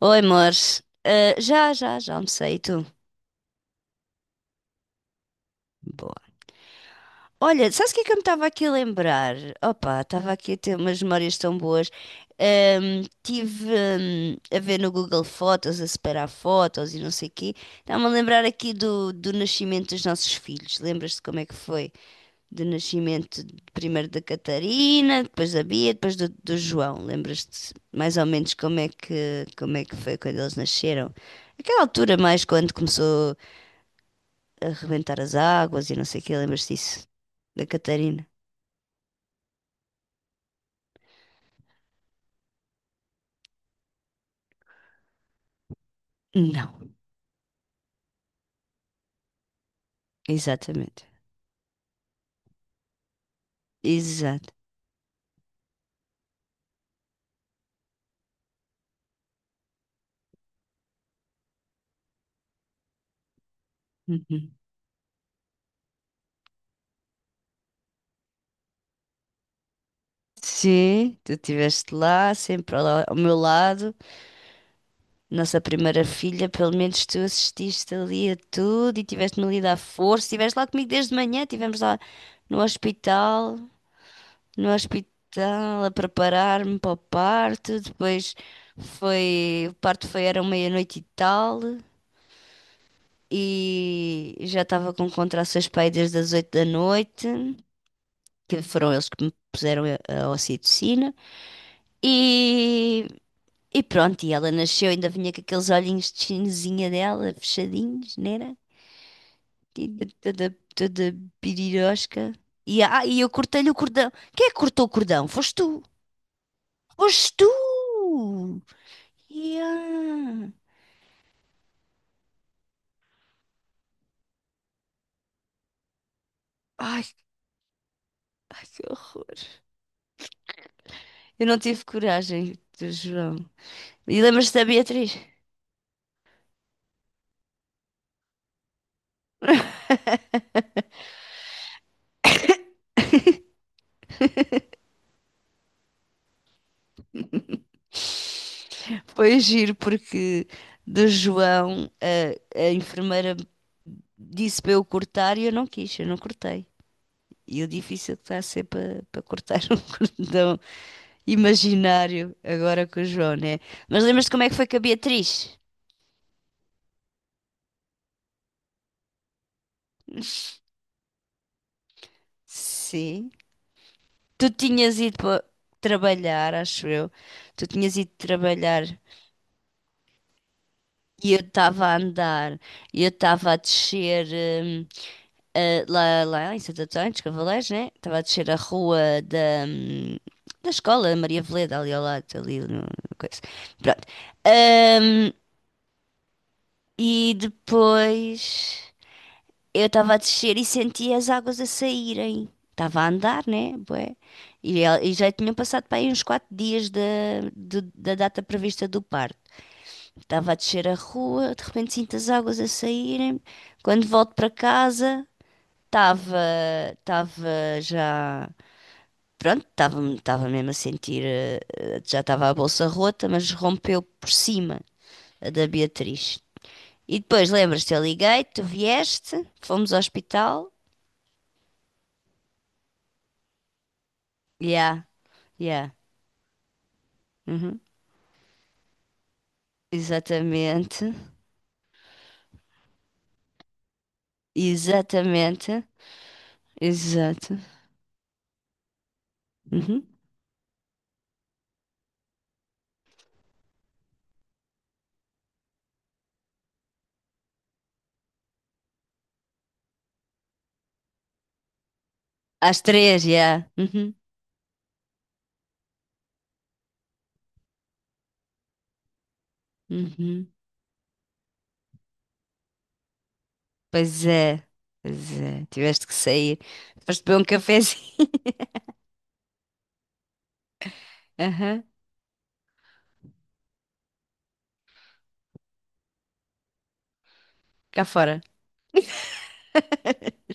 Oi, amor. Ah, já almocei, e tu? Boa. Olha, sabes o que é que eu me estava aqui a lembrar? Opa, estava aqui a ter umas memórias tão boas. Tive, a ver no Google Fotos, a separar fotos e não sei o quê. Estava-me a lembrar aqui do nascimento dos nossos filhos. Lembras-te como é que foi? Do nascimento primeiro da Catarina, depois da Bia, depois do João. Lembras-te mais ou menos como é que foi quando eles nasceram? Aquela altura mais quando começou a rebentar as águas e não sei o quê, lembras-te disso? Da Catarina? Não, exatamente. Exato. Uhum. Sim, tu estiveste lá, sempre lá ao meu lado. Nossa primeira filha, pelo menos tu assististe ali a tudo e tiveste-me ali a dar força. Estiveste lá comigo desde manhã, estivemos lá no hospital, no hospital a preparar-me para o parto. Depois foi, o parto foi, era meia-noite e tal. E já estava com contrações para aí desde as 8 da noite, que foram eles que me puseram a ocitocina. E, e pronto, e ela nasceu, ainda vinha com aqueles olhinhos de chinesinha dela, fechadinhos, não era? Toda toda pirirosca. E eu cortei-lhe o cordão. Quem é que cortou o cordão? Foste tu! Foste tu! Yeah. Ai, ai, que horror. Eu não tive coragem, João. E lembras-te da Beatriz? Foi giro porque do João a enfermeira disse para eu cortar e eu não quis, eu não cortei. E o difícil que está a ser para cortar um cordão imaginário agora com o João, né? Mas lembras-te como é que foi com a Beatriz? Sim. Tu tinhas ido para trabalhar, acho eu. Tu tinhas ido trabalhar e eu estava a andar e eu estava a descer. hum, lá em Santo Antônio dos Cavaleiros, né? Estava a descer a rua hum, da escola Maria Veleda, ali ao lado, ali no coisa. Pronto. Ahm, e depois eu estava a descer e senti as águas a saírem. Estava a andar, né? Bué. E já tinham passado para aí uns 4 dias da data prevista do parto. Estava a descer a rua, de repente sinto as águas a saírem. Quando volto para casa. Estava, estava já, pronto, estava mesmo a sentir, já estava a bolsa rota, mas rompeu por cima a da Beatriz. E depois, lembras-te, eu liguei, tu vieste, fomos ao hospital. Yeah, yeah, uhum. Exatamente, exatamente, exato. Uhum. Às três, yeah. Uhum. Uhum. Pois é, pois é, tiveste que sair, foste beber um cafezinho. Aham, cá fora.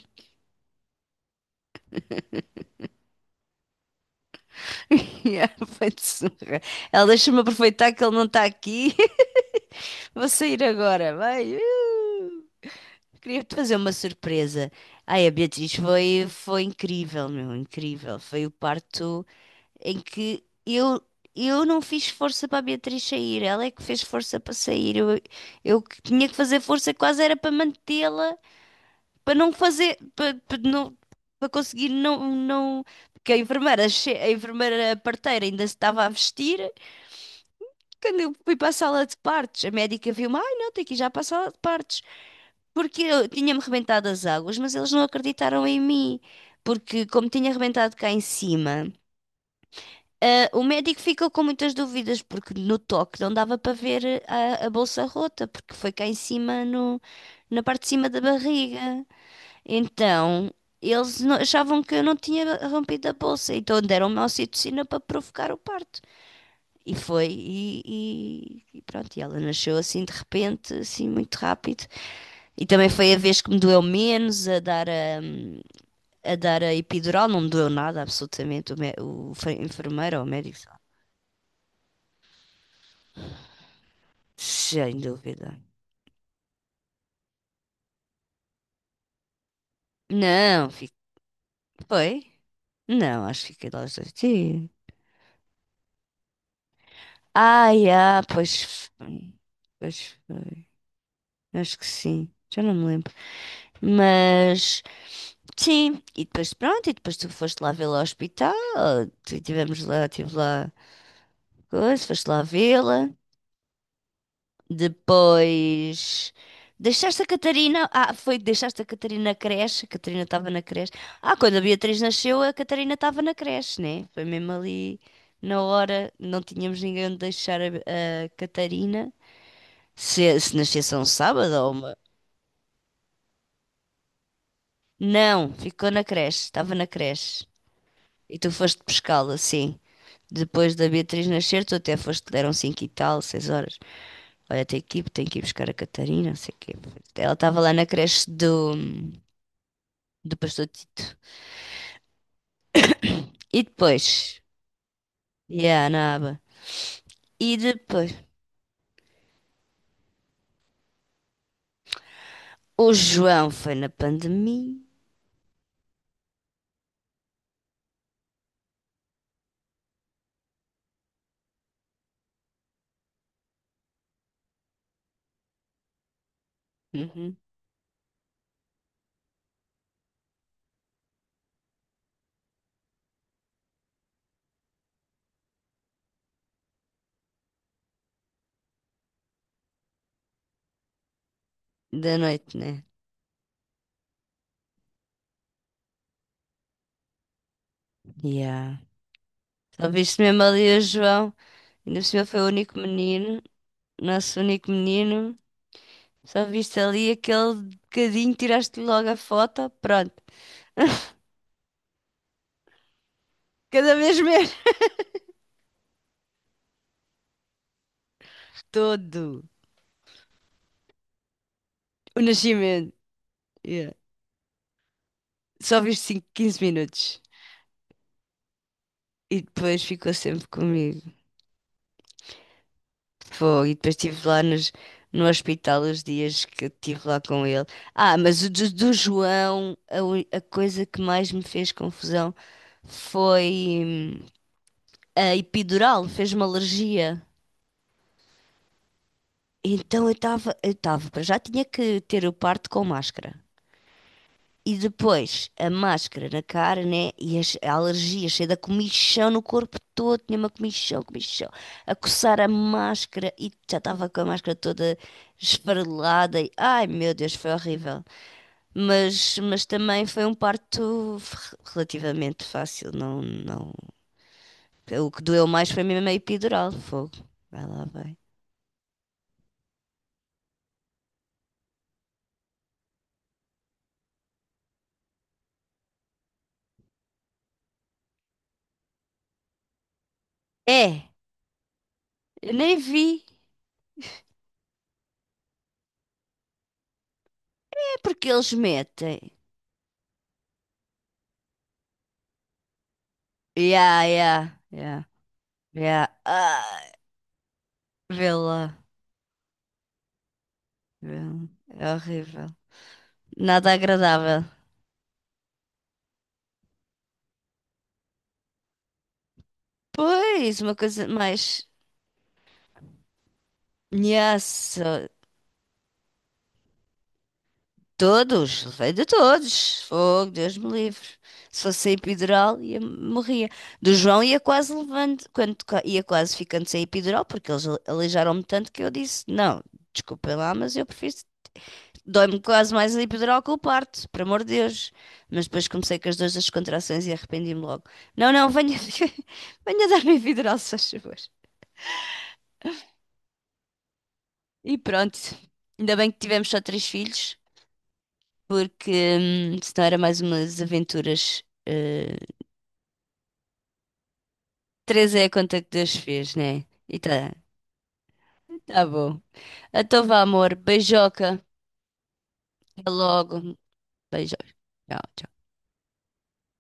Yeah, vai de surra. Ela deixa-me aproveitar que ele não está aqui. Vou sair agora. Vai. Queria-te fazer uma surpresa. Ai, a Beatriz foi, foi incrível, meu, incrível. Foi o parto em que eu não fiz força para a Beatriz sair. Ela é que fez força para sair. Eu que tinha que fazer força quase era para mantê-la, para não fazer, para conseguir não, não, porque a enfermeira parteira ainda se estava a vestir. Quando eu fui para a sala de partos, a médica viu-me, ai não, tenho que ir já para a sala de partos, porque eu tinha-me rebentado as águas, mas eles não acreditaram em mim, porque como tinha rebentado cá em cima, ah, o médico ficou com muitas dúvidas, porque no toque não dava para ver a bolsa rota, porque foi cá em cima, no, na parte de cima da barriga. Então, eles não- achavam que eu não tinha rompido a bolsa, então deram-me a ocitocina para provocar o parto. E foi, e pronto, e ela nasceu assim de repente, assim muito rápido. E também foi a vez que me doeu menos a dar a epidural, não me doeu nada, absolutamente. O, enfermeiro ou o médico, sei lá. Sem dúvida. Não, foi? Não, acho que fiquei lá os 2 dias. Ai, ah, pois foi. Pois foi. Acho que sim, já não me lembro. Mas. Sim, e depois tu foste lá vê-la ao hospital, tivemos lá, tive lá coisa, foste lá vê-la, depois deixaste a Catarina, ah, foi que deixaste a Catarina na creche, a Catarina estava na creche, ah, quando a Beatriz nasceu a Catarina estava na creche, né? Foi mesmo ali na hora, não tínhamos ninguém onde deixar a Catarina, se nascesse um sábado ou uma... Não, ficou na creche, estava na creche, e tu foste pescá-la, sim. Depois da Beatriz nascer, tu até foste, deram 5 e tal, 6 horas. Olha, tem que ir buscar a Catarina, não sei o quê. Ela estava lá na creche do Pastor Tito. E depois, yeah, na aba. E depois, o João foi na pandemia. Uhum. Da noite, né? Yeah. Só viste mesmo ali o João. Ainda por cima foi o único menino, nosso único menino. Só viste ali aquele bocadinho, tiraste logo a foto, pronto. Cada vez menos. Todo. O nascimento. Yeah. Só vi 5 15 minutos. E depois ficou sempre comigo. Foi. E depois estive lá nos, no hospital os dias que eu estive lá com ele. Ah, mas o do João, a coisa que mais me fez confusão foi a epidural, fez-me alergia. Então eu estava, para já tinha que ter o parto com máscara. E depois a máscara na cara, né? E a alergia, cheia da comichão no corpo todo, tinha uma comichão, comichão, a coçar a máscara e já estava com a máscara toda esfarelada. E, ai meu Deus, foi horrível. Mas também foi um parto relativamente fácil, não, não. O que doeu mais foi mesmo a epidural, fogo. Vai lá, vai. É, eu nem vi. É porque eles metem. Ya, ya, ya, ya. Ah. Vê lá. Vê lá. É horrível. Nada agradável. Pois, uma coisa mais. Nhassa. Todos, levei de todos. Fogo, Deus me livre. Se fosse epidural, ia, morria. Do João ia quase levando, quando ia quase ficando sem epidural, porque eles alijaram-me tanto que eu disse: Não, desculpem lá, mas eu prefiro dói-me quase mais a epidural que o parto, por amor de Deus. Mas depois comecei com as duas das contrações e arrependi-me logo. Não, não, venha, venha dar-me a epidural, se faz favor. E pronto. Ainda bem que tivemos só três filhos, porque senão era mais umas aventuras. Três é a conta que Deus fez, né? E tá, tá bom. Então vá, amor. Beijoca. Até logo. Beijo. Tchau, tchau.